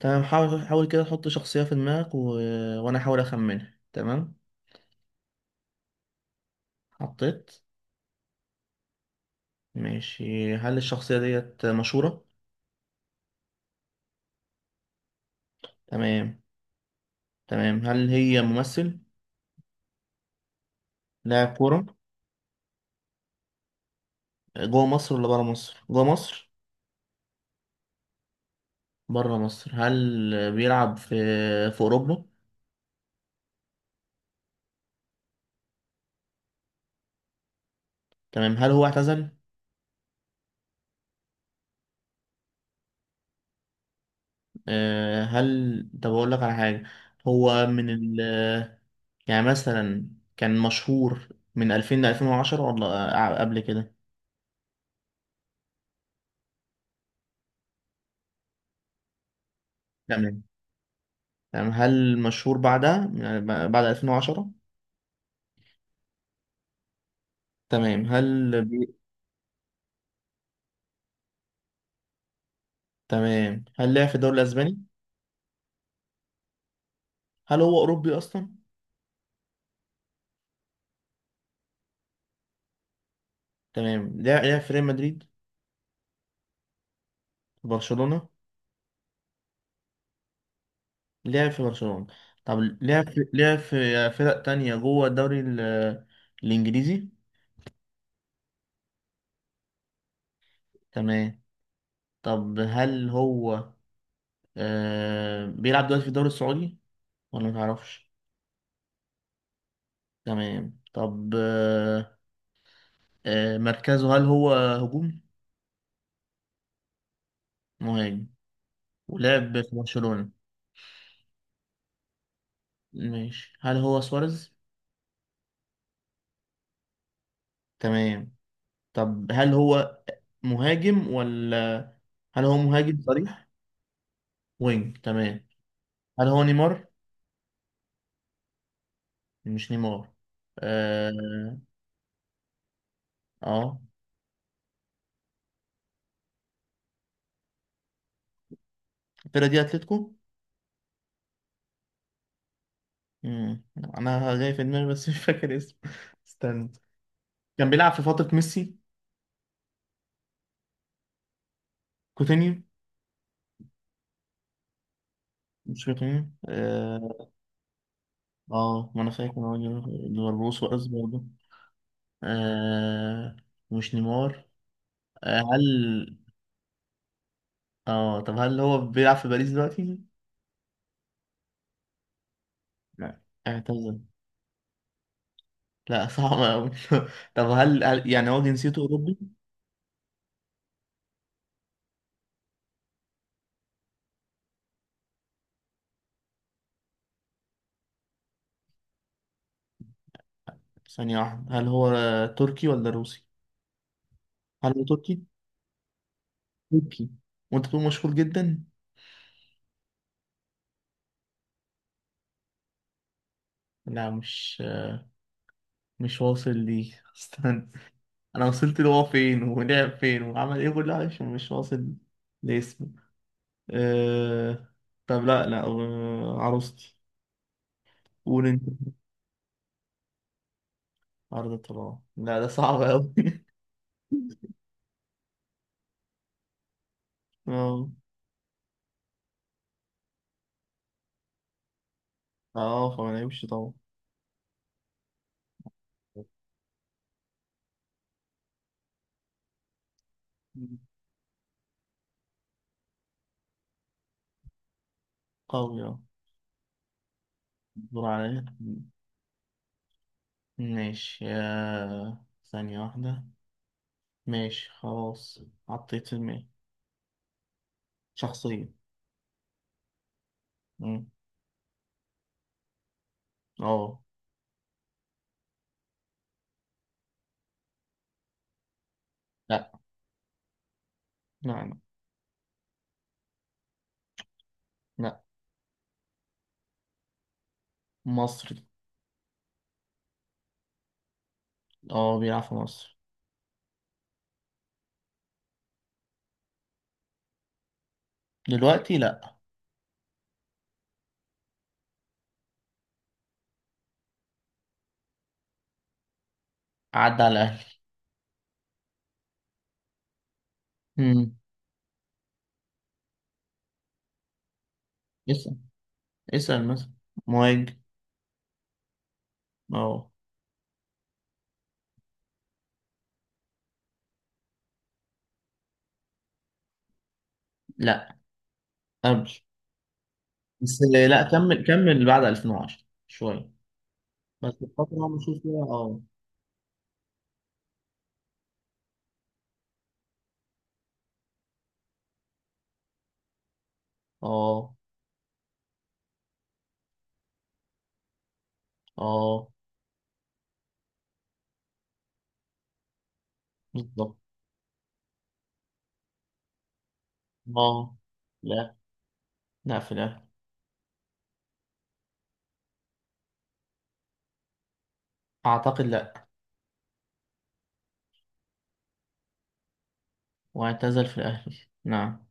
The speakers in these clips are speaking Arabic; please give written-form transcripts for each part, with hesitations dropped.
تمام حاول حاول كده تحط شخصية في دماغك وأنا أحاول أخمنها. تمام حطيت. ماشي، هل الشخصية ديت مشهورة؟ تمام تمام، هل هي ممثل؟ لاعب كورة؟ جوه مصر ولا برا مصر؟ جوه مصر؟ برا مصر. هل بيلعب في أوروبا؟ تمام، هل هو اعتزل؟ هل، طب أقول لك على حاجة. هو من يعني مثلا كان مشهور من 2000 ل 2010 ولا قبل كده؟ تمام. تمام، هل مشهور بعدها يعني بعد 2010؟ تمام تمام، هل لعب في الدوري الاسباني؟ هل هو اوروبي اصلا؟ تمام. لعب لعب في ريال مدريد؟ في برشلونة؟ لعب في برشلونة. طب لعب في لعب في فرق تانية جوه الانجليزي؟ تمام. طب هل هو بيلعب دلوقتي في الدوري السعودي ولا متعرفش؟ تمام. طب مركزه، هل هو هجوم؟ مهاجم. ولعب في برشلونة. ماشي، هل هو سواريز؟ تمام. طب هل هو مهاجم ولا، هل هو مهاجم صريح؟ وينج. تمام. هل هو نيمار؟ مش نيمار. اه. اه، الفرقة دي اتلتيكو. مم. انا جاي في دماغي بس مش فاكر اسمه استنى. كان بيلعب في فترة ميسي. كوتينيو؟ مش كوتينيو. ما انا فاكر إن هو ليفربول سواريز برضه. آه مش نيمار. هل، اه طب هل هو بيلعب في باريس دلوقتي؟ لا اعتذر، لا صعب أوي طب هل يعني هو جنسيته أوروبي؟ ثانية واحدة، هل هو تركي ولا روسي؟ هل هو تركي؟ تركي؟ وأنت تكون مشهور جدا؟ لا، مش واصل ليه استنى. أنا وصلت له هو فين ولعب فين وعمل إيه كل حاجة، مش واصل لاسمه. أه... طب لا لا عروستي. قول أنت. عرض الطلاق؟ لا ده صعب أوي أه أه فما نعيبش طبعا. قوي. دور عليا. ماشي. ثانية واحدة. ماشي خلاص، حطيت في دماغي شخصية. مم. اه. لا. لا لا لا. مصري. اه بيلعب في مصر. دلوقتي لا. عدى على الأهلي. مم. اسأل. اسأل مثلا. مهاجم. اه. لا قبل. بس لا، كمل كمل، بعد 2010 شوية. بس الفترة اللي أنا بشوف فيها اه. اه. اه. بالظبط. اه. لا. لا في الأهلي. أعتقد لا. واعتزل في الأهلي. نعم.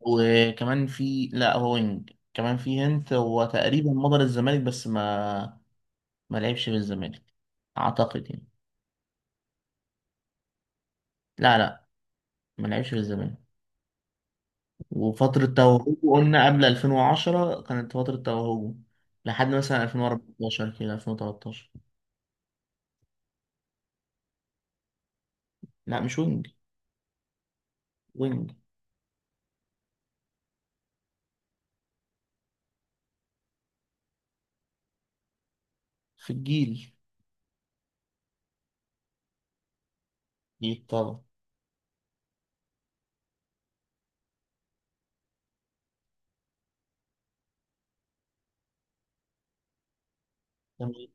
وكمان في، لا هو وينج كمان في هنت، هو تقريبا مضى للزمالك بس ما لعبش في الزمالك، أعتقد يعني. لا لا، ما لعبش في الزمالك. وفترة توهجه قلنا قبل 2010 كانت فترة توهجه، لحد مثلا 2014 كده، 2013. لا مش وينج. وينج. في الجيل. جيل طبعا. تمام.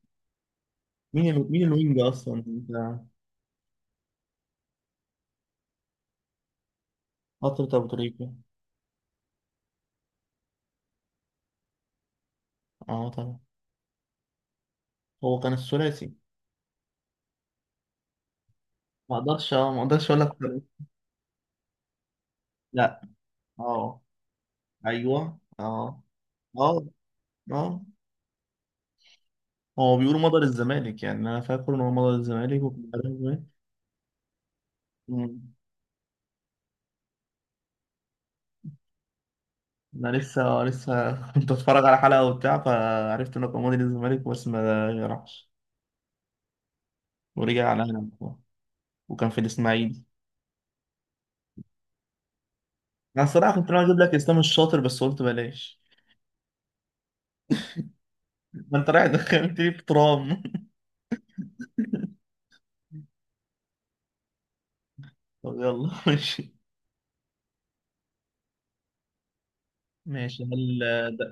مين الوينج أصلا أنت؟ فترة أبو تريكة. أه طبعا. هو كان الثلاثي. ما اقدرش، ما اقدرش اقول لك. لا. اه. ايوه اه. اه. اه. هو بيقولوا مضى للزمالك، يعني انا فاكر ان هو مضى للزمالك وكنت عارف إيه. أمم. انا لسه لسه كنت اتفرج على حلقه وبتاع، فعرفت انه كان مضى للزمالك بس ما راحش ورجع على هنا، وكان في الاسماعيلي. انا الصراحه كنت ناوي اجيب لك اسلام الشاطر بس قلت بلاش. ما انت رايح دخلتني في ترام طب يلا ماشي. ماشي، هل ده،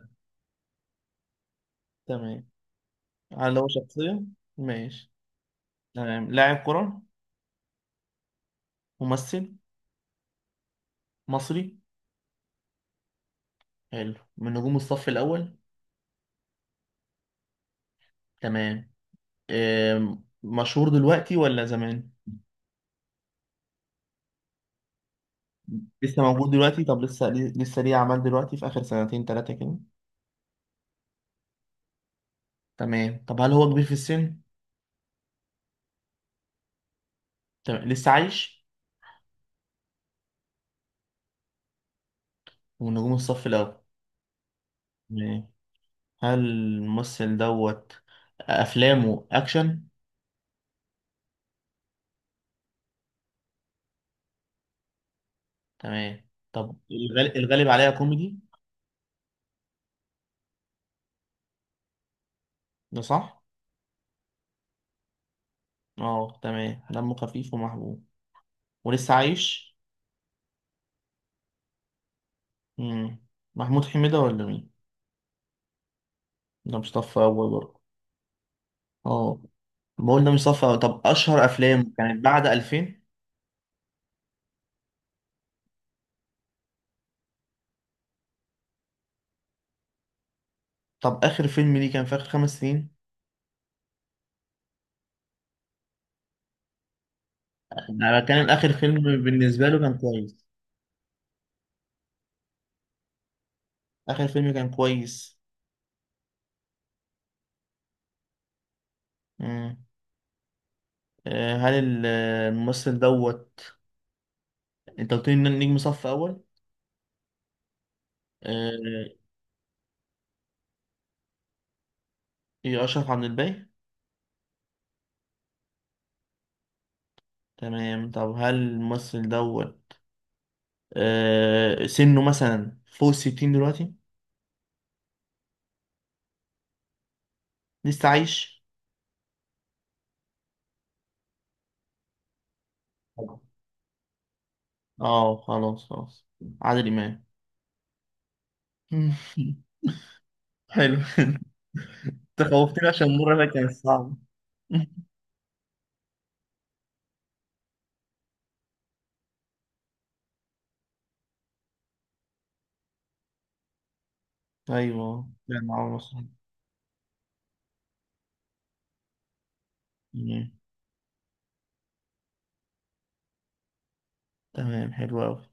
تمام. هل هو شخصيه؟ ماشي. تمام، لاعب كره؟ ممثل؟ مصري؟ حلو، من نجوم الصف الأول؟ تمام. مشهور دلوقتي ولا زمان؟ لسه موجود دلوقتي؟ طب لسه لسه ليه أعمال دلوقتي في آخر سنتين تلاتة كده؟ تمام، طب هل هو كبير في السن؟ تمام، لسه عايش؟ ومن نجوم الصف الأول. تمام. هل الممثل دوت أفلامه أكشن؟ تمام، طب الغالب عليها كوميدي، ده صح؟ اه تمام، دمه خفيف ومحبوب، ولسه عايش؟ مم. محمود حميدة ولا مين؟ ده مصطفى أول برضه؟ اه، ما قلنا مصطفى. طب اشهر افلام كانت بعد 2000؟ طب اخر فيلم ليه كان في اخر خمس سنين؟ انا كان اخر فيلم بالنسبه له كان كويس؟ اخر فيلم كان كويس. مم. آه، هل ال- الممثل دوت، انت قلت لي إن نجم صف اول. آه، ايه اشرف عبد الباقي؟ تمام، طب هل الممثل دوت سنه مثلا فوق الستين دلوقتي؟ لسه عايش؟ اه خلاص خلاص، عادل امام؟ حلو انت خوفتني عشان المرة اللي كانت صعبة. ايوه، لا معاهم مصر. تمام حلو قوي.